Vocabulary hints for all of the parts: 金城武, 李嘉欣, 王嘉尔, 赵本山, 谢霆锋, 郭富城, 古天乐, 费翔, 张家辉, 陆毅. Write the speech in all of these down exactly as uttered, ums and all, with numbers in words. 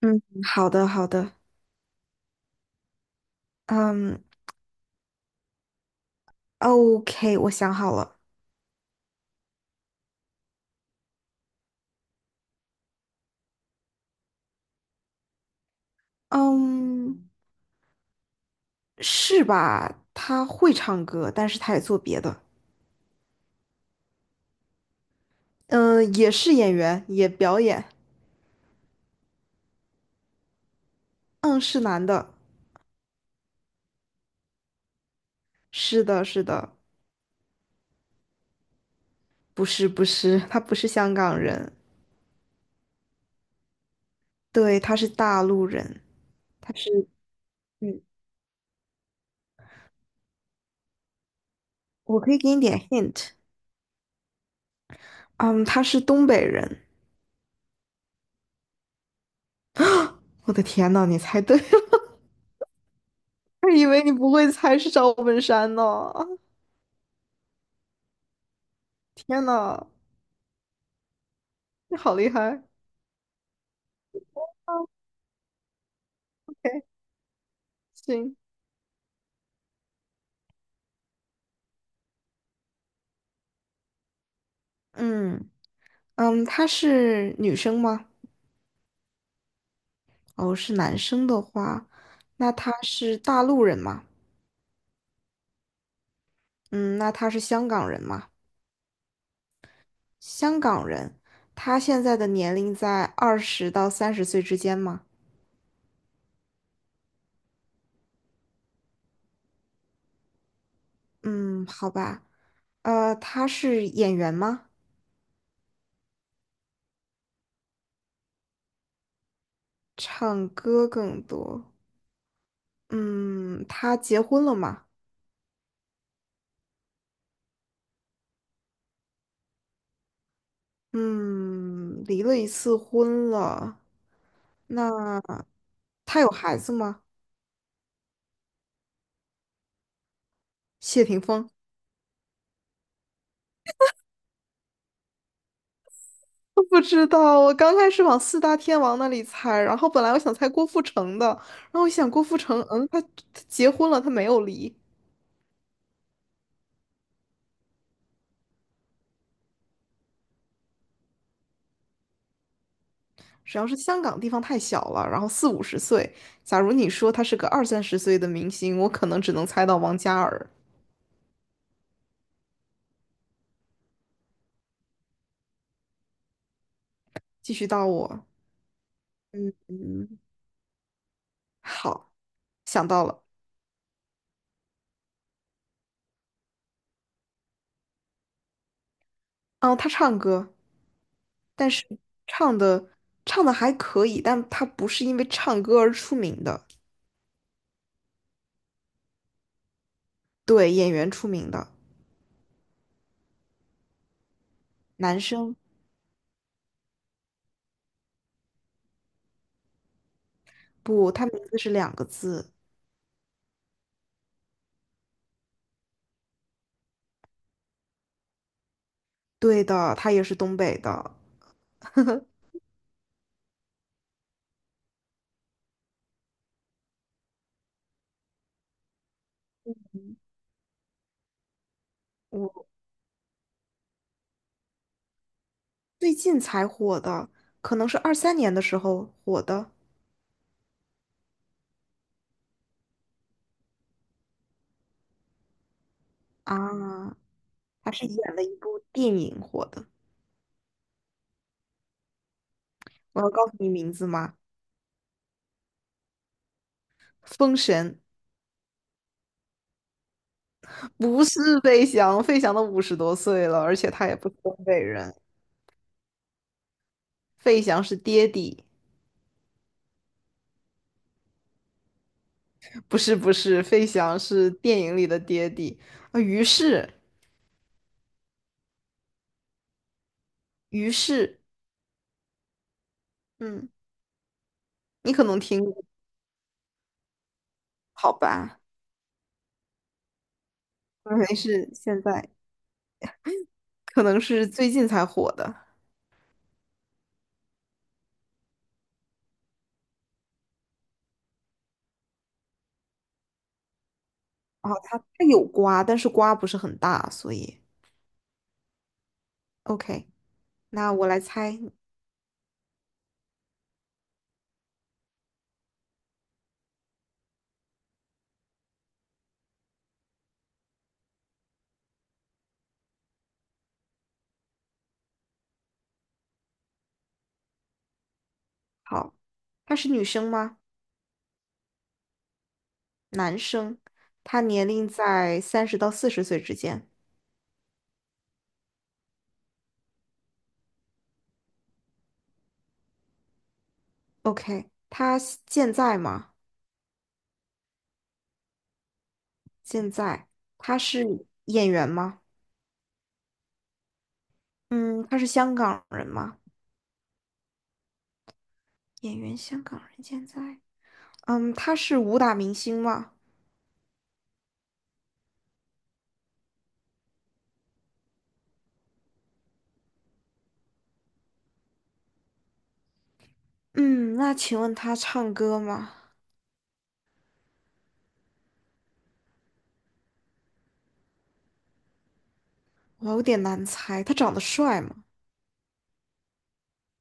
嗯，好的，好的。嗯，OK，我想好了。嗯，是吧？他会唱歌，但是他也做别的。嗯，也是演员，也表演。嗯，是男的。是的，是的。不是，不是，他不是香港人。对，他是大陆人。他是，嗯，我可以给你点 hint。嗯，他是东北人。我的天呐，你猜对了，我以为你不会猜是赵本山呢，天呐，你好厉害。OK， 行。嗯嗯，他是女生吗？哦，是男生的话，那他是大陆人吗？嗯，那他是香港人吗？香港人，他现在的年龄在二十到三十岁之间吗？嗯，好吧。呃，他是演员吗？唱歌更多。嗯，他结婚了吗？嗯，离了一次婚了。那他有孩子吗？谢霆锋。不知道，我刚开始往四大天王那里猜，然后本来我想猜郭富城的，然后我想郭富城，嗯，他他结婚了，他没有离。主要是香港地方太小了，然后四五十岁，假如你说他是个二三十岁的明星，我可能只能猜到王嘉尔。继续到我。嗯，好，想到了。嗯，他唱歌，但是唱的唱的还可以，但他不是因为唱歌而出名的。对，演员出名的。男生。不，他名字是两个字。对的，他也是东北的。我最近才火的，可能是二三年的时候火的。啊，他是演了一部电影火的。我要告诉你名字吗？封神。不是费翔，费翔都五十多岁了，而且他也不是东北人。费翔是爹地。不是不是，费翔是电影里的爹地。啊，于是。于是。嗯，你可能听过。好吧？没事，现在。可能是最近才火的。啊，他他有瓜，但是瓜不是很大，所以 OK。那我来猜。好，他是女生吗？男生，他年龄在三十到四十岁之间。OK，他现在吗？现在，他是演员吗？嗯，他是香港人吗？演员，香港人，现在。嗯，他是武打明星吗？嗯，那请问他唱歌吗？我有点难猜，他长得帅吗？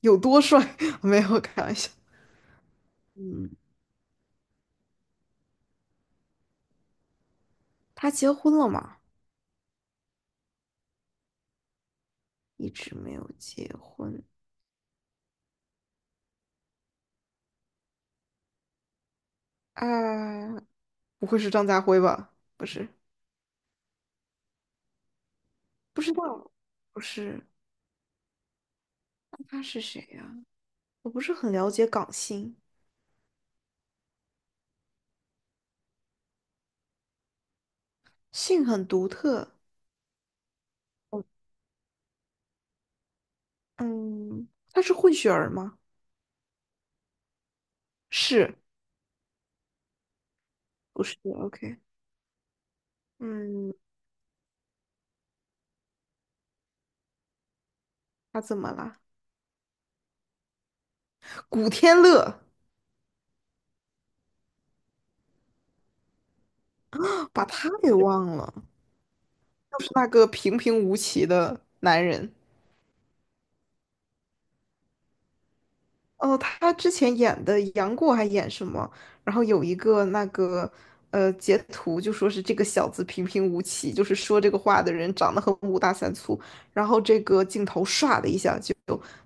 有多帅？没有，开玩笑。嗯，他结婚了吗？一直没有结婚啊，不会是张家辉吧？不是。不知道。不是。那他是谁呀？我不是很了解港星。姓很独特。哦。嗯，他是混血儿吗？是。不是？OK。嗯，他怎么了？古天乐，把他给忘了，就是那个平平无奇的男人。哦，他之前演的杨过还演什么？然后有一个那个呃截图，就说是这个小子平平无奇，就是说这个话的人长得很五大三粗。然后这个镜头唰的一下就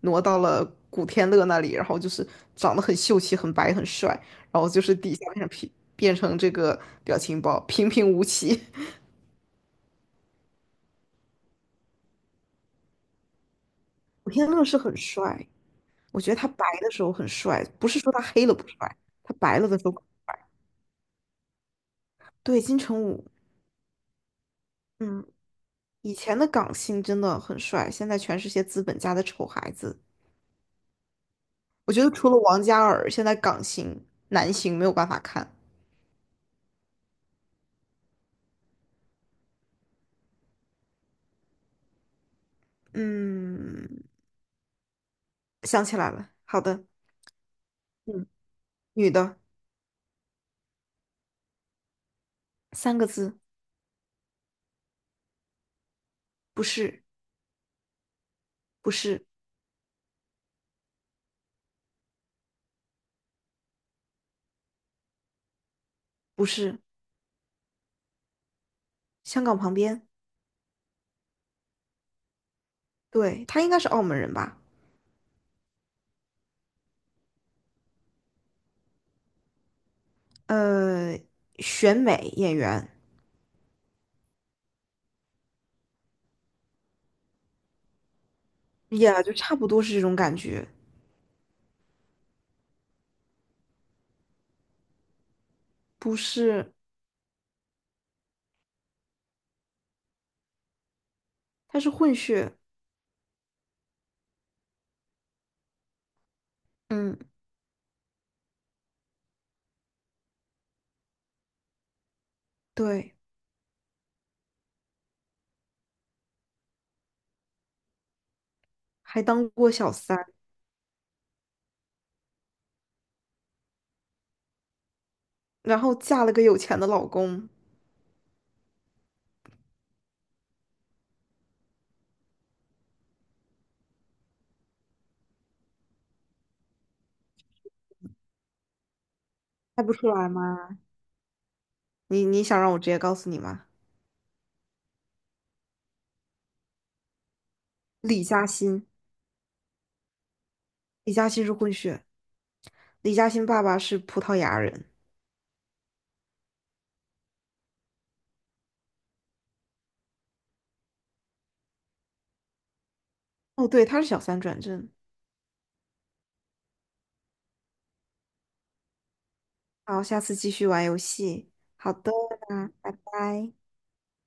挪到了古天乐那里，然后就是长得很秀气、很白、很帅，然后就是底下变成平，变成这个表情包，平平无奇。古天乐是很帅。我觉得他白的时候很帅，不是说他黑了不帅，他白了的时候。对，金城武。嗯。以前的港星真的很帅，现在全是些资本家的丑孩子。我觉得除了王嘉尔，现在港星男星没有办法看。嗯，想起来了，好的。嗯，女的。三个字。不是。不是。不是。香港旁边。对，他应该是澳门人吧？呃，选美演员。也就差不多是这种感觉。不是，他是混血。嗯。对，还当过小三，然后嫁了个有钱的老公。猜不出来吗？你你想让我直接告诉你吗？李嘉欣。李嘉欣是混血，李嘉欣爸爸是葡萄牙人。哦，对，他是小三转正。好，下次继续玩游戏。好的，那拜拜。